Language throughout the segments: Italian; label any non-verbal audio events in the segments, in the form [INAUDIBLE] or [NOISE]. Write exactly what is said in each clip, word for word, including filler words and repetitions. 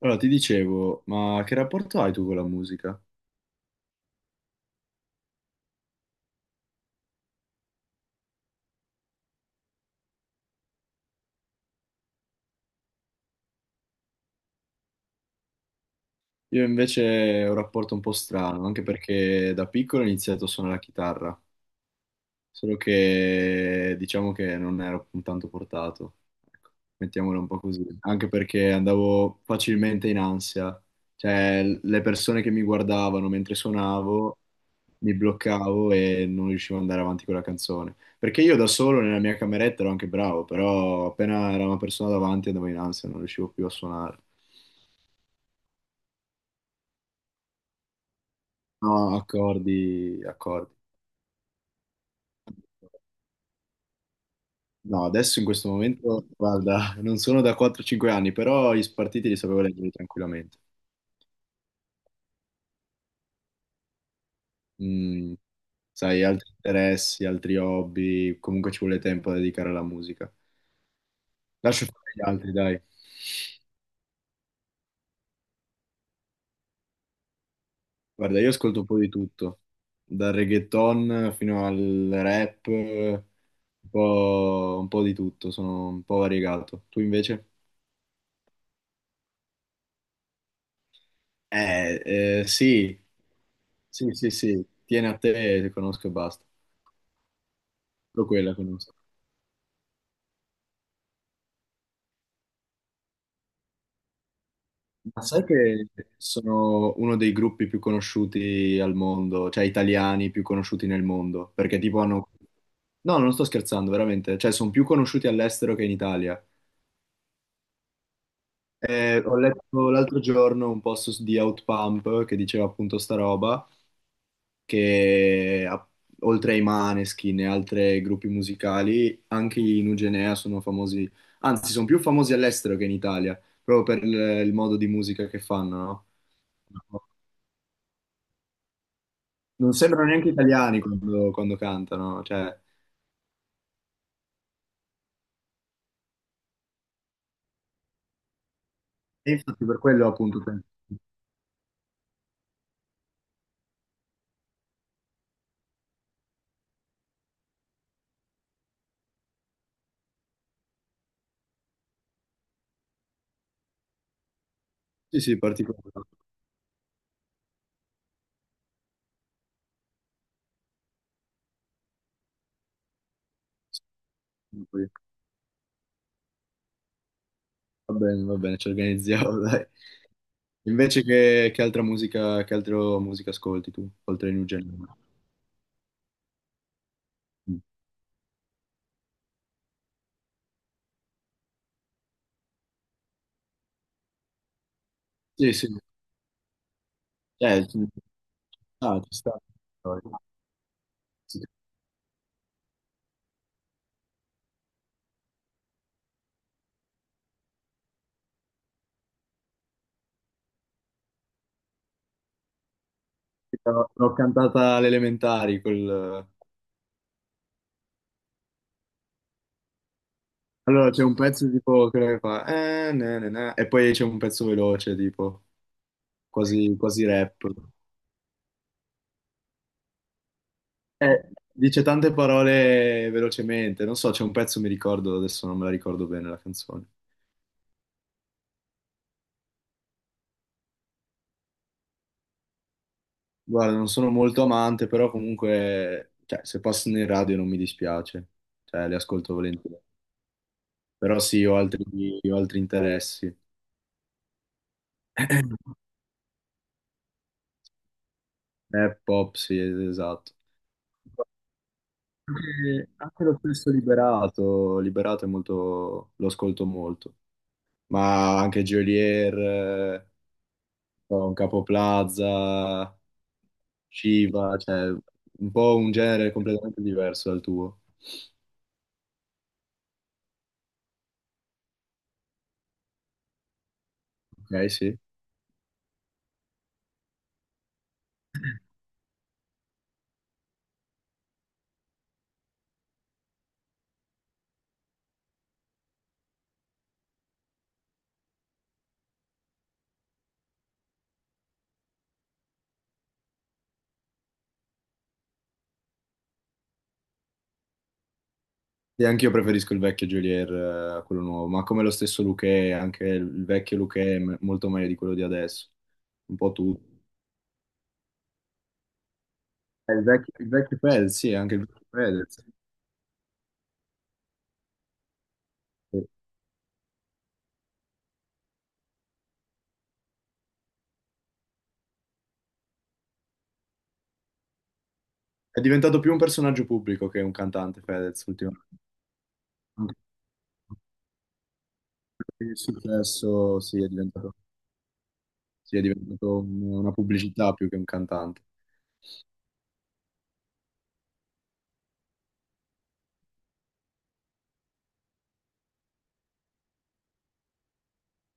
Allora, ti dicevo, ma che rapporto hai tu con la musica? Io invece ho un rapporto un po' strano, anche perché da piccolo ho iniziato a suonare la chitarra. Solo che diciamo che non ero tanto portato, ecco, mettiamola un po' così, anche perché andavo facilmente in ansia, cioè l- le persone che mi guardavano mentre suonavo mi bloccavo e non riuscivo ad andare avanti con la canzone, perché io da solo nella mia cameretta ero anche bravo, però appena era una persona davanti andavo in ansia, non riuscivo più a suonare, no, accordi, accordi. No, adesso in questo momento, guarda, non sono da quattro o cinque anni, però gli spartiti li sapevo leggere tranquillamente. Mm, sai, altri interessi, altri hobby, comunque ci vuole tempo da dedicare alla musica. Lascio fare gli altri, dai. Guarda, io ascolto un po' di tutto, dal reggaeton fino al rap, un po', un po' di tutto, sono un po' variegato. Tu invece? Eh, eh, sì, sì, sì, sì, tieni a te, conosco e basta. Solo quella conosco. Ma sai che sono uno dei gruppi più conosciuti al mondo, cioè italiani più conosciuti nel mondo, perché tipo hanno... No, non sto scherzando, veramente, cioè sono più conosciuti all'estero che in Italia. Eh, ho letto l'altro giorno un post su- di Outpump che diceva appunto sta roba, che a- oltre ai Maneskin e altri gruppi musicali, anche i Nugenea sono famosi, anzi sono più famosi all'estero che in Italia, proprio per il, il modo di musica che fanno, no? Non sembrano neanche italiani quando, quando cantano, cioè, e infatti per quello appunto penso. Sì, sì, particolare. Va bene, va bene, ci organizziamo, [LAUGHS] dai. Invece che, che altra musica, che altro musica ascolti tu, oltre ai New Gen? Mm. Sì, sì, eh, ci- ah, ci sta. Sì, l'ho cantata alle elementari, quel... Allora c'è un pezzo tipo quello che fa eh, na, na, na, e poi c'è un pezzo veloce, tipo quasi, quasi rap. Eh, dice tante parole velocemente, non so, c'è un pezzo, mi ricordo, adesso non me la ricordo bene la canzone. Guarda, non sono molto amante, però comunque, cioè, se passano in radio non mi dispiace, cioè, le ascolto volentieri. Però sì, ho altri, ho altri interessi. [COUGHS] [CLEARS THROAT] Rap, pop, sì, esatto. Anche, anche lo stesso Liberato, Liberato è molto, lo ascolto molto, ma anche Geolier, eh, un Capo Plaza, Shiva, cioè un po' un genere completamente diverso dal tuo. Ok, sì. E anche io preferisco il vecchio Geolier eh, a quello nuovo, ma come lo stesso Luchè, anche il vecchio Luchè è me- molto meglio di quello di adesso. Un po' tutto. Eh, Il vecchio, il vecchio Fedez, sì, anche il vecchio Fedez. Sì. È diventato più un personaggio pubblico che un cantante Fedez ultimamente. Anche il successo, sì, è diventato, sì, è diventato un- una pubblicità più che un cantante.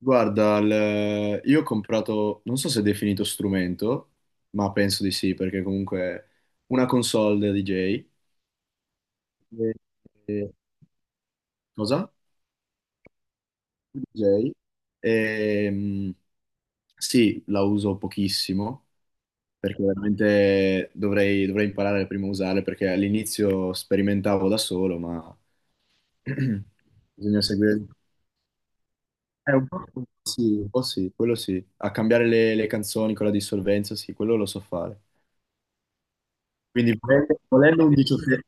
Guarda, il- io ho comprato, non so se è definito strumento, ma penso di sì, perché comunque è una console da D J. E- e- Cosa? D J. E, mm, sì, la uso pochissimo, perché veramente dovrei, dovrei imparare prima a usarla, perché all'inizio sperimentavo da solo, ma [CLEARS THROAT] bisogna seguire... È un po' sì, un po' sì, quello sì. A cambiare le, le canzoni con la dissolvenza, sì, quello lo so fare. Quindi volendo, volendo un diciotte-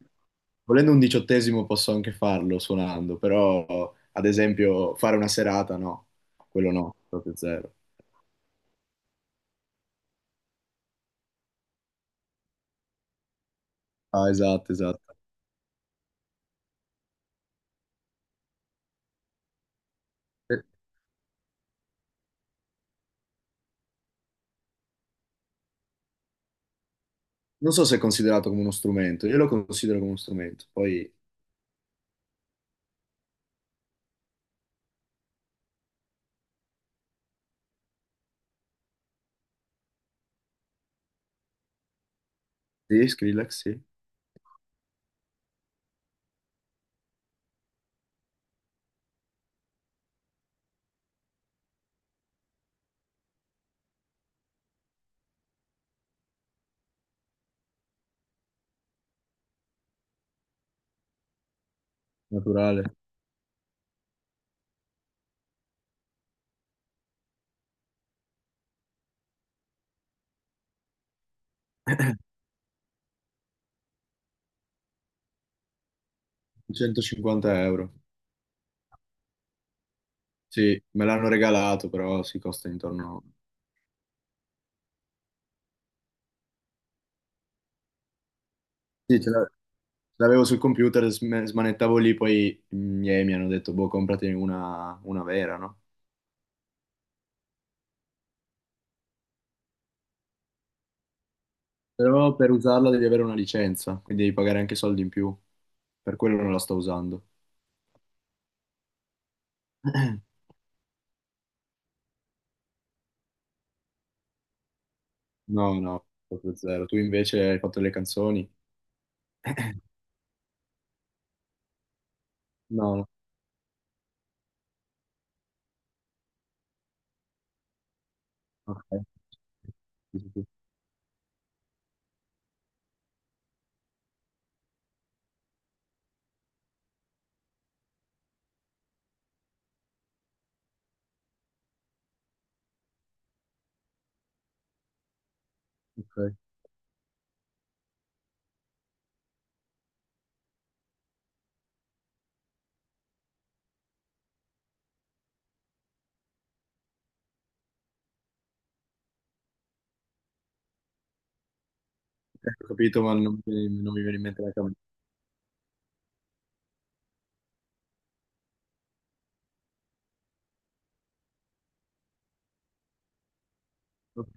volendo un diciottesimo posso anche farlo suonando, però ad esempio fare una serata no, quello no, proprio zero. Ah, esatto, esatto. Eh, Non so se è considerato come uno strumento, io lo considero come uno strumento. Poi, sì, Skrillex, sì, naturale. centocinquanta euro. Sì, me l'hanno regalato, però si costa intorno... Sì, ce l'ave- ce l'avevo sul computer, sm- smanettavo lì, poi i miei mi hanno detto, boh, compratene una, una vera, no? Però per usarla devi avere una licenza, quindi devi pagare anche soldi in più. Per quello non la sto usando. [CLEARS THROAT] No, no, proprio zero. Tu invece hai fatto le canzoni? No, no. Ok. Sì, sì, sì. Ok. Eh, Ho capito, ma non, mi non mi viene in mente la camera. Ok.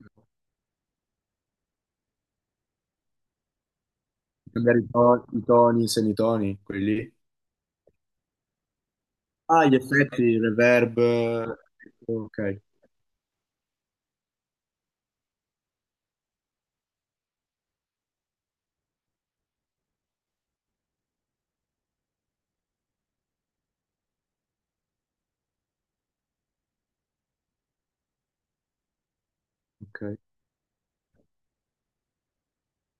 Cambiare i, to- i toni, i semitoni, quelli lì. Ah, gli effetti, il reverb. eh, Ok, ok.